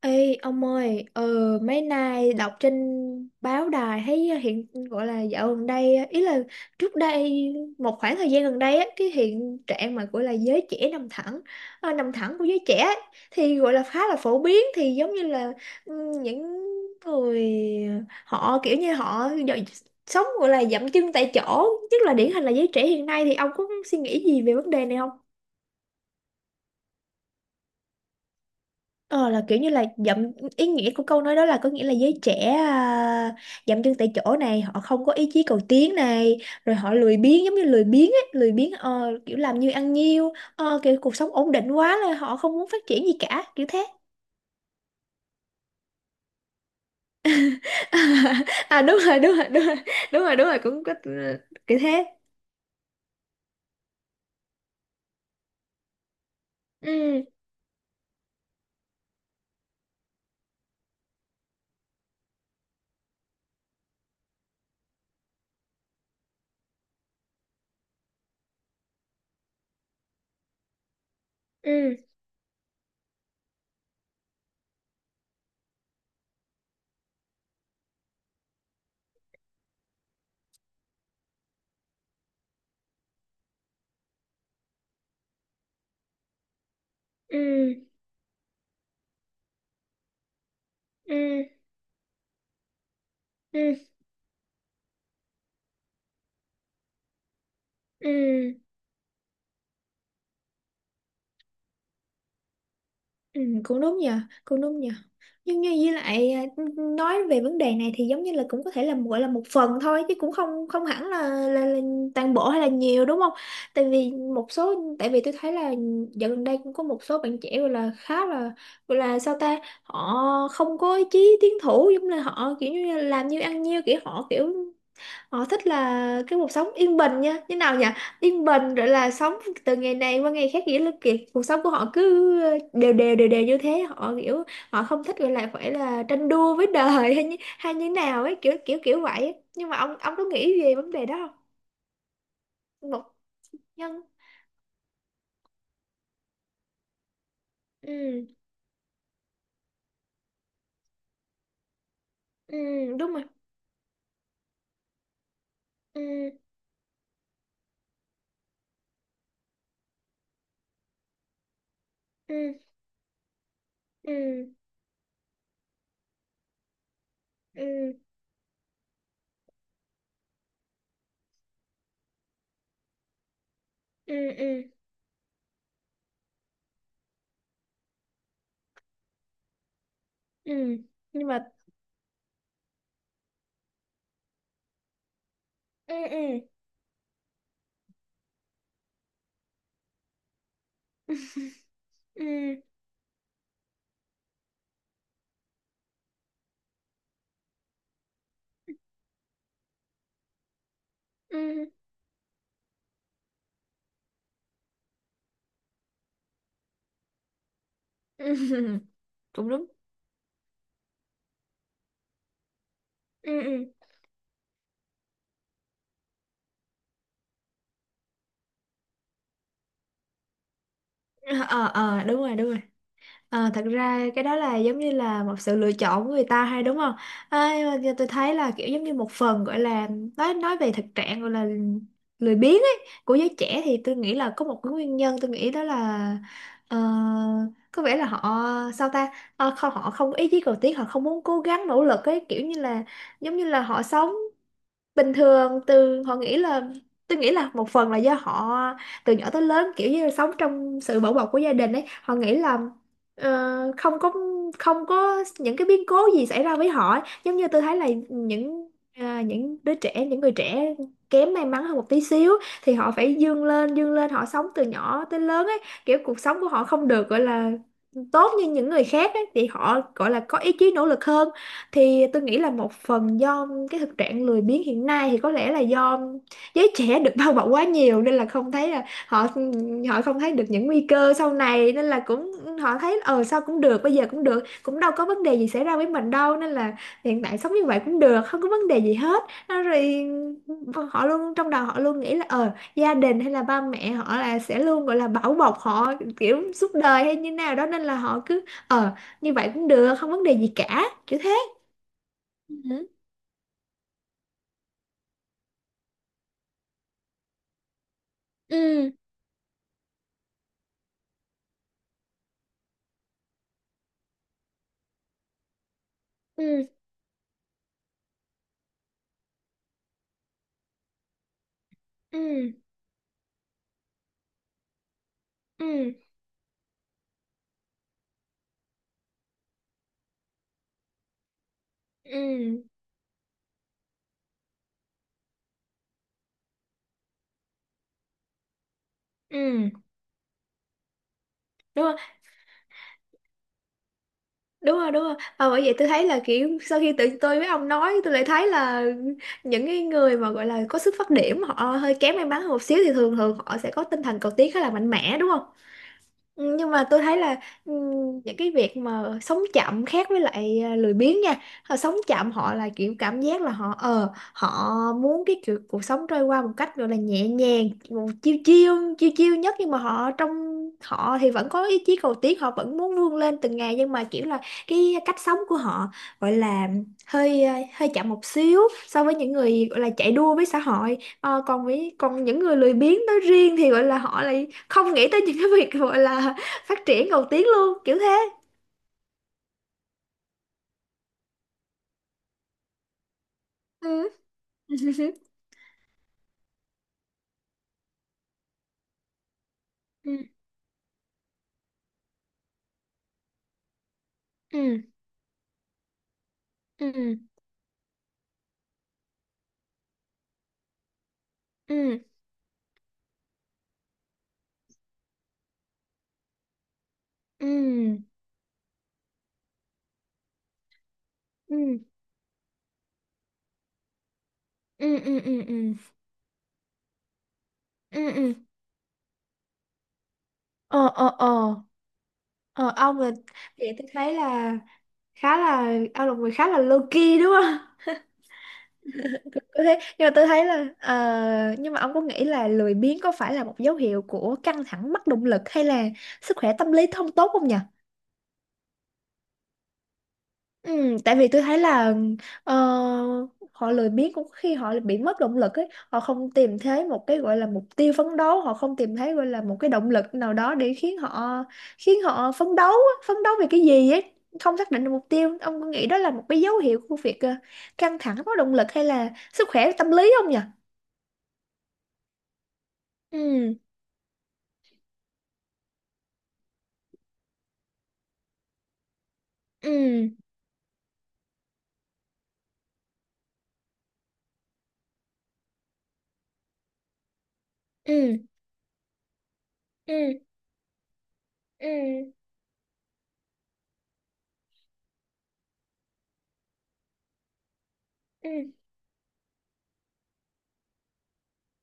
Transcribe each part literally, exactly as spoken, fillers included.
Ê ông ơi, ờ, mấy nay đọc trên báo đài thấy, ờ, hiện gọi là dạo gần đây, ờ, ý là trước đây một khoảng thời gian gần đây á, cái hiện trạng mà gọi là giới trẻ nằm thẳng, ờ, nằm thẳng của giới trẻ ấy, thì gọi là khá là phổ biến, thì giống như là ừ, những người, ờ, họ kiểu như họ dạo- sống gọi là dậm chân tại chỗ, nhất là điển hình là giới trẻ hiện nay. Thì ông có suy nghĩ gì về vấn đề này không? Ờ là kiểu như là dậm ý nghĩa của câu nói đó là có nghĩa là giới trẻ à, dậm chân tại chỗ này, họ không có ý chí cầu tiến này, rồi họ lười biếng, giống như lười biếng ấy, lười biếng, ờ, kiểu làm như ăn nhiêu, ờ, kiểu cuộc sống ổn định quá là họ không muốn phát triển gì cả, kiểu thế. À, đúng rồi đúng rồi đúng rồi, đúng rồi đúng rồi, cũng có. ờ, Kiểu thế. Ừ ừ ừ ừ ừ ừ ừ. Ừ, cũng đúng nhờ, cũng đúng nhờ. Nhưng như với lại à, nói về vấn đề này thì giống như là cũng có thể là gọi là một phần thôi, chứ cũng không không hẳn là, là, là toàn bộ hay là nhiều, đúng không? Tại vì một số, tại vì tôi thấy là dạo gần đây cũng có một số bạn trẻ gọi là khá là, gọi là sao ta, họ không có ý chí tiến thủ, giống như là họ kiểu như là làm như ăn nhiêu, kiểu họ kiểu họ thích là cái cuộc sống yên bình nha. Như nào nhỉ? Yên bình rồi là sống từ ngày này qua ngày khác. Nghĩa là kiểu cuộc sống của họ cứ ờ, đều đều đều đều như thế. Họ kiểu họ không thích gọi là phải là tranh đua với đời hay như, hay như nào ấy. Kiểu kiểu kiểu vậy ấy. Nhưng mà ông ông có nghĩ về vấn đề đó không? Một nhân, ừ, ừ, đúng rồi. Ừ, ừ, ừ, ừ, ừ, ừ, ừ. Nhưng mà ừ, ừ, ừ, ừ, ừ. Cũng đúng. Ừ, ừ. Ờ, ờ, đúng rồi, đúng rồi. Ờ, thật ra cái đó là giống như là một sự lựa chọn của người ta hay, đúng không? À, nhưng mà tôi thấy là kiểu giống như một phần gọi là nói nói về thực trạng gọi là lười biếng ấy của giới trẻ, thì tôi nghĩ là có một cái nguyên nhân. Tôi nghĩ đó là, ờ, có vẻ là họ, sao ta. Ờ, không, họ không có ý chí cầu tiến, họ không muốn cố gắng nỗ lực ấy, kiểu như là giống như là họ sống bình thường, từ họ nghĩ là tôi nghĩ là một phần là do họ từ nhỏ tới lớn kiểu như là sống trong sự bảo bọc của gia đình ấy. Họ nghĩ là ờ, không có không có những cái biến cố gì xảy ra với họ ấy. Giống như tôi thấy là những, à, những đứa trẻ, những người trẻ kém may mắn hơn một tí xíu, thì họ phải vươn lên, vươn lên, họ sống từ nhỏ tới lớn ấy, kiểu cuộc sống của họ không được gọi là tốt như những người khác ấy, thì họ gọi là có ý chí nỗ lực hơn. Thì tôi nghĩ là một phần do cái thực trạng lười biếng hiện nay thì có lẽ là do giới trẻ được bao bọc quá nhiều, nên là không thấy là họ, họ không thấy được những nguy cơ sau này, nên là cũng họ thấy, ờ sao cũng được, bây giờ cũng được, cũng đâu có vấn đề gì xảy ra với mình đâu, nên là hiện tại sống như vậy cũng được, không có vấn đề gì hết. Nó rồi họ luôn trong đầu họ luôn nghĩ là, ờ gia đình hay là ba mẹ họ là sẽ luôn gọi là bảo bọc họ kiểu suốt đời hay như nào đó, nên là họ cứ ờ như vậy cũng được, không vấn đề gì cả, kiểu thế. Ừ ừ ừ ừ ừ ừ ừ. Đúng rồi đúng rồi đúng rồi. Ờ, bởi vậy tôi thấy là kiểu sau khi tự tôi với ông nói, tôi lại thấy là những cái người mà gọi là có sức phát điểm họ hơi kém may mắn hơn một xíu thì thường thường họ sẽ có tinh thần cầu tiến khá là mạnh mẽ, đúng không? Ừ, nhưng mà tôi thấy là ừ, những cái việc mà sống chậm khác với lại à, lười biếng nha. Họ sống chậm, họ là kiểu cảm giác là họ, ờ họ muốn cái kiểu cuộc sống trôi qua một cách gọi là nhẹ nhàng một chiêu chiêu chiêu chiêu nhất, nhưng mà họ trong họ thì vẫn có ý chí cầu tiến, họ vẫn muốn vươn lên từng ngày, nhưng mà kiểu là cái cách sống của họ gọi là hơi à, hơi chậm một xíu so với những người gọi là chạy đua với xã hội. Ờ, còn với, còn những người lười biếng nói riêng thì gọi là họ lại không nghĩ tới những cái việc gọi là phát triển, cầu tiến luôn, kiểu thế. Ừ. Ừ ừ ừ ừ ừ ừ ừ ừ ừ ừ ừ ừ. Ờ ờ ờ. Ờ, ông là, vậy tôi thấy là khá là, ông là một người khá là low key, đúng không? Tôi thấy, nhưng mà tôi thấy là, ờ, nhưng mà ông có nghĩ là lười biếng có phải là một dấu hiệu của căng thẳng, mất động lực hay là sức khỏe tâm lý không tốt không nhỉ? Ừ, tại vì tôi thấy là, ờ, họ lười biếng cũng khi họ bị mất động lực ấy, họ không tìm thấy một cái gọi là mục tiêu phấn đấu, họ không tìm thấy gọi là một cái động lực nào đó để khiến họ, khiến họ phấn đấu á, phấn đấu về cái gì ấy, không xác định được mục tiêu. Ông có nghĩ đó là một cái dấu hiệu của việc ờ, căng thẳng, có động lực hay là sức khỏe tâm lý không nhỉ? Ừ ừ ừ ừ ừ ừ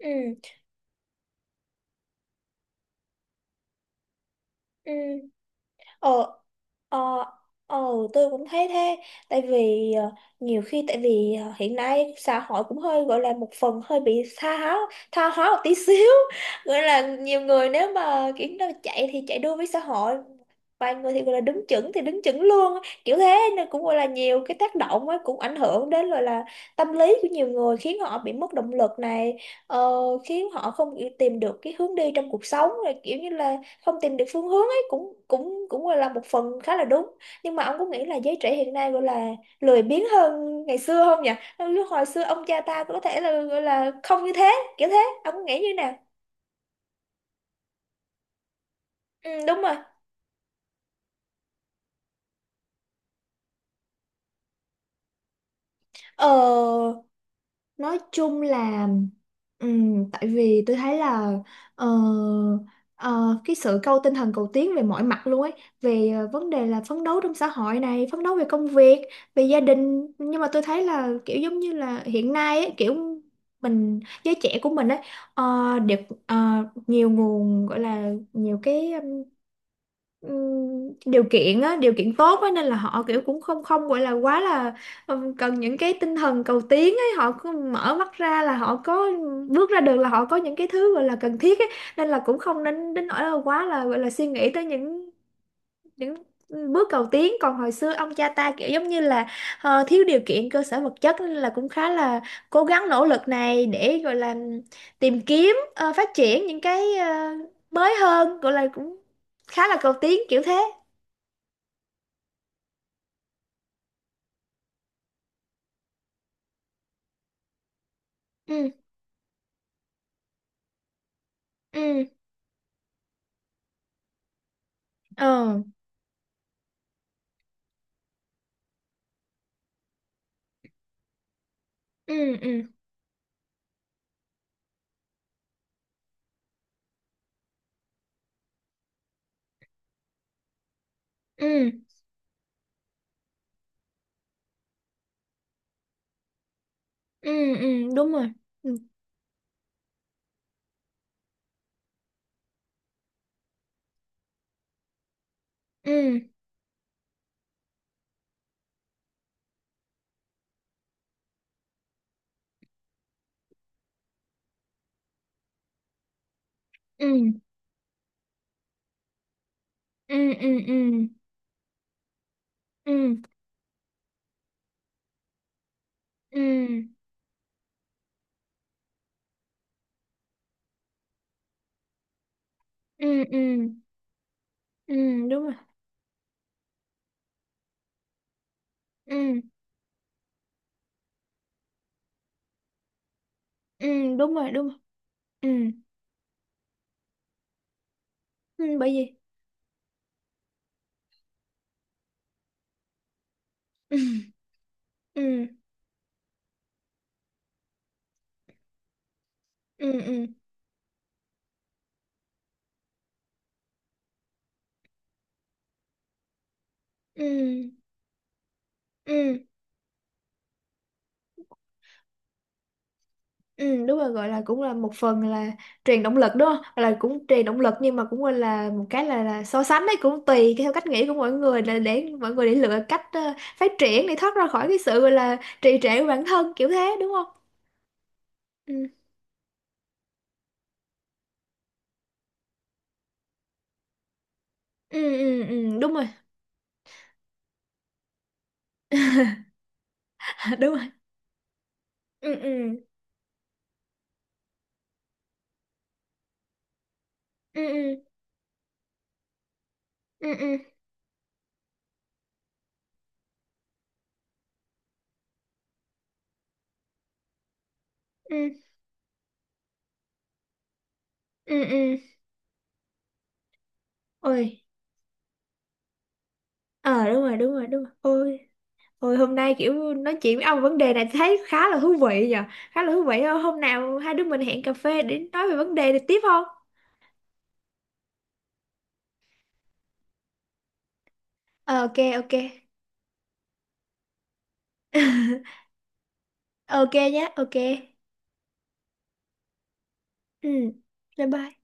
ừ ừ. Ờ, ờ, ờ, tôi cũng thấy thế. Tại vì ờ, nhiều khi tại vì ờ, hiện nay xã hội cũng hơi gọi là một phần hơi bị tha hóa, tha hóa một tí xíu. Gọi là nhiều người nếu mà kiểu nó chạy thì chạy đua với xã hội. Vài người thì gọi là đứng chững thì đứng chững luôn á. Kiểu thế nên cũng gọi là nhiều cái tác động ấy, cũng ảnh hưởng đến gọi là tâm lý của nhiều người, khiến họ bị mất động lực này, ờ, khiến họ không kiểu tìm được cái hướng đi trong cuộc sống, rồi kiểu như là không tìm được phương hướng ấy, cũng cũng cũng là một phần khá là đúng. Nhưng mà ông có nghĩ là giới trẻ hiện nay gọi là lười biếng hơn ngày xưa không nhỉ? Lúc hồi xưa ông cha ta có thể là gọi là không như thế, kiểu thế. Ông có nghĩ như nào? Ừ, đúng rồi. Ờ, nói chung là ừm, tại vì tôi thấy là, ờ, ờ, cái sự cầu tinh thần cầu tiến về mọi mặt luôn ấy, về ờ, vấn đề là phấn đấu trong xã hội này, phấn đấu về công việc, về gia đình, nhưng mà tôi thấy là kiểu giống như là hiện nay ấy, kiểu mình giới trẻ của mình ấy, ờ, đều ờ, nhiều nguồn gọi là nhiều cái ừm, điều kiện á, điều kiện tốt á, nên là họ kiểu cũng không không gọi là quá là ừm, cần những cái tinh thần cầu tiến ấy, họ cứ mở mắt ra là họ có, bước ra được là họ có những cái thứ gọi là cần thiết ấy, nên là cũng không nên đến nỗi là quá là gọi là suy nghĩ tới những những bước cầu tiến. Còn hồi xưa ông cha ta kiểu giống như là ờ, thiếu điều kiện cơ sở vật chất, nên là cũng khá là cố gắng nỗ lực này để gọi là tìm kiếm, ờ, phát triển những cái ờ, mới hơn, gọi là cũng khá là cầu tiến, kiểu thế. Ừ ừ ờ ừ ừ ừ ừ ừ. Đúng rồi. Ừ ừ ừ ừ ừ ừ ừ ừ ừ ừ ừ, đúng rồi. Ừ ừ, đúng rồi đúng rồi. Ừ ừ, bởi vì ừ ừ ừ ừ ừ ừ ừ, đúng rồi gọi là cũng là một phần là truyền động lực, đúng không? Là cũng truyền động lực nhưng mà cũng gọi là một cái là là so sánh đấy, cũng tùy theo cách nghĩ của mọi người là để mọi người để lựa cách ờ, phát triển để thoát ra khỏi cái sự gọi là trì trệ của bản thân, kiểu thế, đúng không? Ừ ừ ừ ừ, đúng rồi. Đúng rồi. Ừ ừ ừ ừ ừ ừ ừ ừ ừ. Ôi. Ờ đúng rồi đúng rồi đúng rồi. Ôi, thôi hôm nay kiểu nói chuyện với ông vấn đề này thấy khá là thú vị nhờ. Khá là thú vị. Hôm nào hai đứa mình hẹn cà phê để nói về vấn đề này tiếp không? Ờ, ok ok. Ok nhé, ok. Ừ. Bye bye.